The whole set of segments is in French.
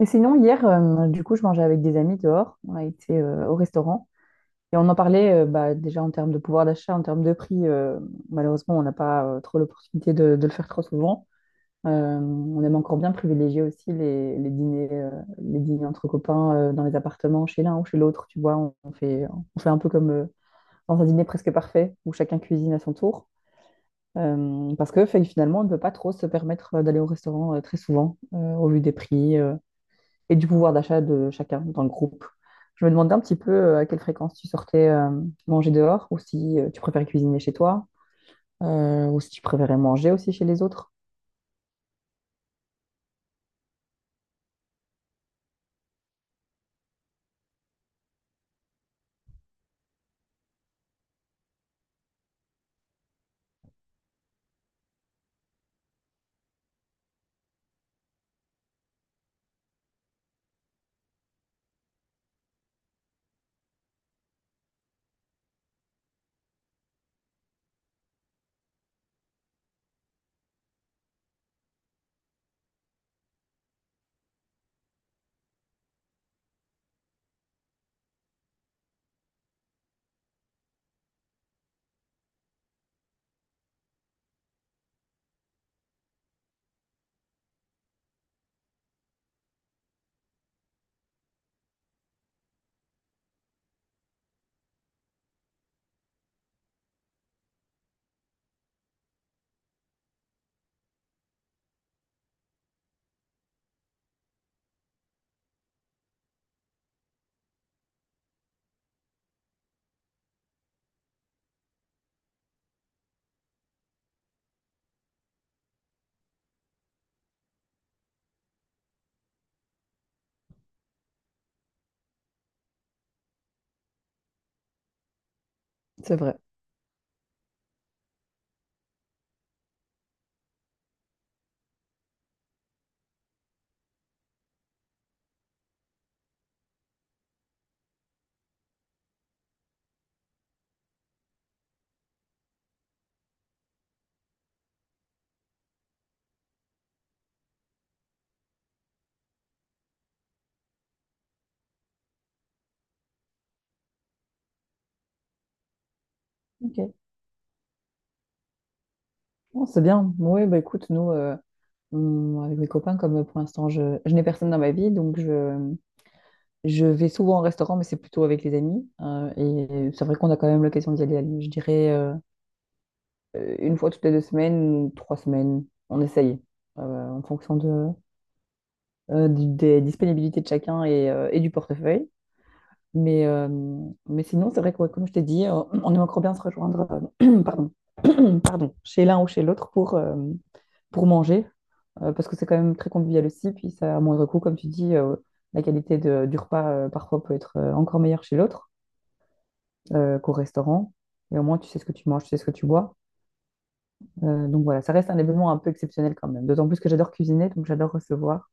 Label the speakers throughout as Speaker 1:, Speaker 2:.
Speaker 1: Et sinon, hier, du coup, je mangeais avec des amis dehors. On a été au restaurant et on en parlait bah, déjà en termes de pouvoir d'achat, en termes de prix. Malheureusement, on n'a pas trop l'opportunité de le faire trop souvent. On aime encore bien privilégier aussi les dîners, les dîners entre copains dans les appartements, chez l'un ou chez l'autre. Tu vois, on fait un peu comme dans un dîner presque parfait où chacun cuisine à son tour. Parce que fait, finalement, on ne peut pas trop se permettre d'aller au restaurant très souvent au vu des prix. Et du pouvoir d'achat de chacun dans le groupe. Je me demandais un petit peu à quelle fréquence tu sortais manger dehors ou si tu préférais cuisiner chez toi ou si tu préférais manger aussi chez les autres. C'est vrai. Ok. Bon, c'est bien. Oui, bah écoute, nous, avec mes copains, comme pour l'instant, je n'ai personne dans ma vie, donc je vais souvent au restaurant, mais c'est plutôt avec les amis. Et c'est vrai qu'on a quand même l'occasion d'y aller, je dirais, une fois toutes les deux semaines, trois semaines, on essaye, en fonction des disponibilités de chacun et du portefeuille. Mais, euh, mais sinon, c'est vrai que, ouais, comme je t'ai dit, on aimerait encore bien se rejoindre pardon, pardon, chez l'un ou chez l'autre pour manger, parce que c'est quand même très convivial aussi. Puis ça, à moindre coût, comme tu dis, la qualité du repas parfois peut être encore meilleure chez l'autre qu'au restaurant. Et au moins, tu sais ce que tu manges, tu sais ce que tu bois. Donc voilà, ça reste un événement un peu exceptionnel quand même. D'autant plus que j'adore cuisiner, donc j'adore recevoir.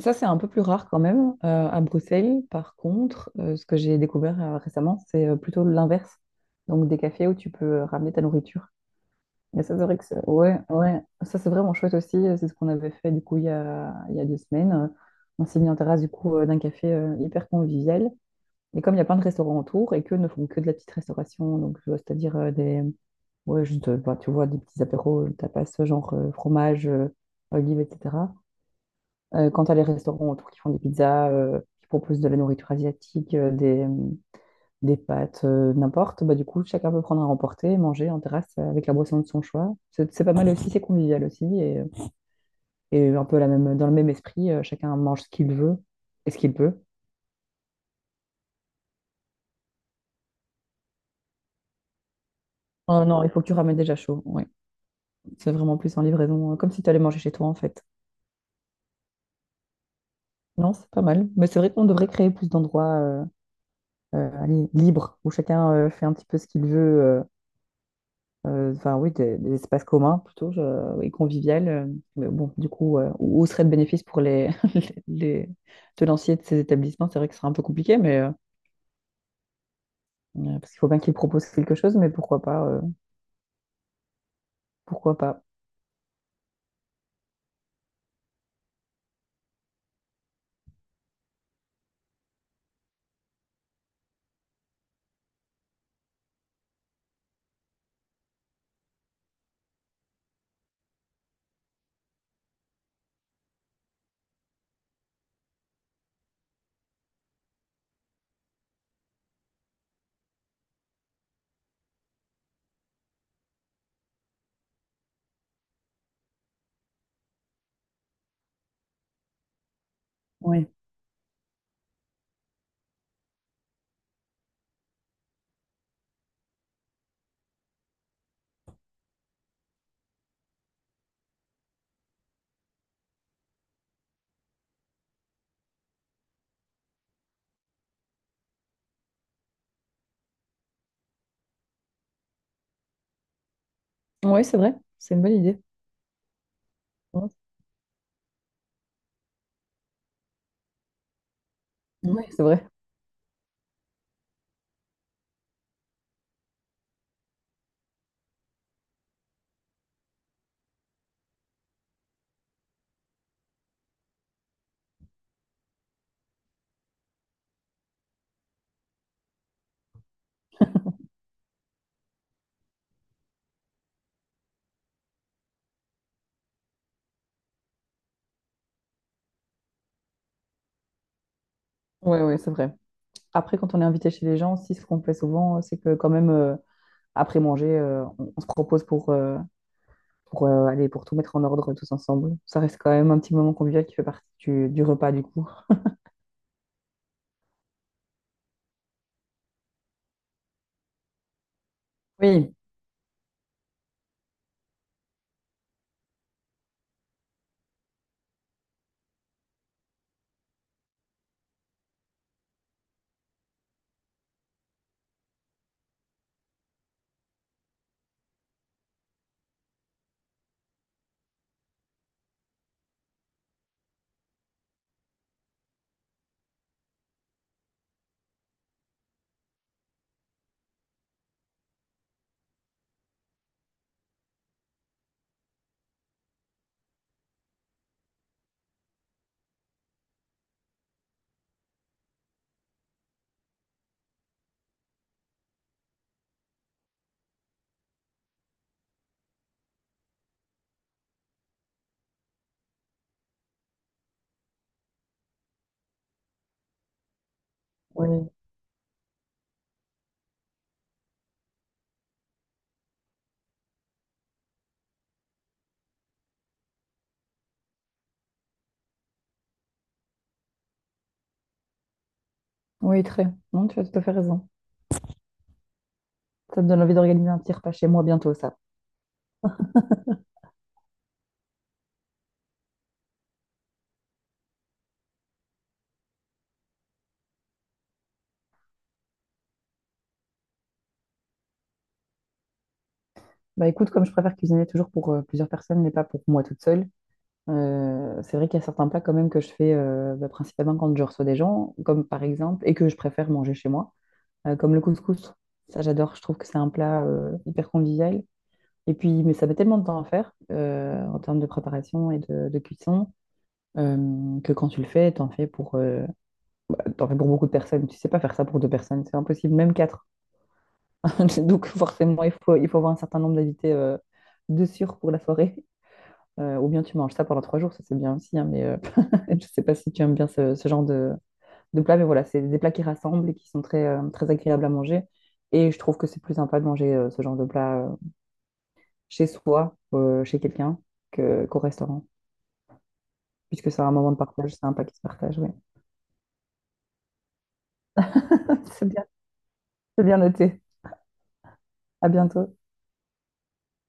Speaker 1: Ça, c'est un peu plus rare quand même. À Bruxelles, par contre, ce que j'ai découvert récemment, c'est plutôt l'inverse. Donc, des cafés où tu peux ramener ta nourriture. Et ça, c'est vrai que ouais, ouais. Ça, c'est vraiment chouette aussi. C'est ce qu'on avait fait du coup il y a deux semaines. On s'est mis en terrasse du coup d'un café hyper convivial. Et comme il y a plein de restaurants autour et qu'eux ne font que de la petite restauration, donc c'est-à-dire ouais, juste, bah, tu vois, des petits apéros, tapas, genre fromage, olives, etc. Quand tu as les restaurants autour qui font des pizzas, qui proposent de la nourriture asiatique, des pâtes, n'importe, bah, du coup, chacun peut prendre à emporter, manger en terrasse avec la boisson de son choix. C'est pas mal aussi, c'est convivial aussi. Et un peu la même, dans le même esprit, chacun mange ce qu'il veut et ce qu'il peut. Oh non, il faut que tu ramènes déjà chaud. Ouais. C'est vraiment plus en livraison, comme si tu allais manger chez toi en fait. Non, c'est pas mal. Mais c'est vrai qu'on devrait créer plus d'endroits allez, libres où chacun fait un petit peu ce qu'il veut. Enfin oui, des espaces communs plutôt et convivial. Mais bon, du coup, où serait le bénéfice pour les, les, les tenanciers de ces établissements? C'est vrai que ce serait un peu compliqué, mais parce qu'il faut bien qu'ils proposent quelque chose, mais pourquoi pas, pourquoi pas. Oui, oui, c'est vrai, c'est une bonne idée. Oui. Oui, c'est vrai. Oui, oui, c'est vrai. Après, quand on est invité chez les gens, aussi, ce qu'on fait souvent, c'est que quand même, après manger, on se propose pour aller pour tout mettre en ordre tous ensemble. Ça reste quand même un petit moment convivial qui fait partie du repas, du coup. Oui, oui, oui, très. Non, tu as tout à fait raison. Ça me donne envie d'organiser un petit repas chez moi bientôt, ça. Bah écoute, comme je préfère cuisiner toujours pour plusieurs personnes, mais pas pour moi toute seule, c'est vrai qu'il y a certains plats quand même que je fais bah, principalement quand je reçois des gens, comme par exemple, et que je préfère manger chez moi, comme le couscous. Ça, j'adore. Je trouve que c'est un plat hyper convivial. Et puis, mais ça met tellement de temps à faire en termes de préparation et de cuisson que quand tu le fais, t'en fais pour bah, t'en fais pour beaucoup de personnes. Tu sais pas faire ça pour deux personnes, c'est impossible, même quatre. Donc forcément, il faut avoir un certain nombre d'invités de sûr pour la soirée. Ou bien tu manges ça pendant trois jours, ça c'est bien aussi, hein, mais je sais pas si tu aimes bien ce, ce genre de plat. Mais voilà, c'est des plats qui rassemblent et qui sont très, très agréables à manger. Et je trouve que c'est plus sympa de manger ce genre de plat chez soi, chez quelqu'un, que, qu'au restaurant, puisque c'est un moment de partage, c'est un plat qui se partage, ouais. C'est bien, c'est bien noté. À bientôt.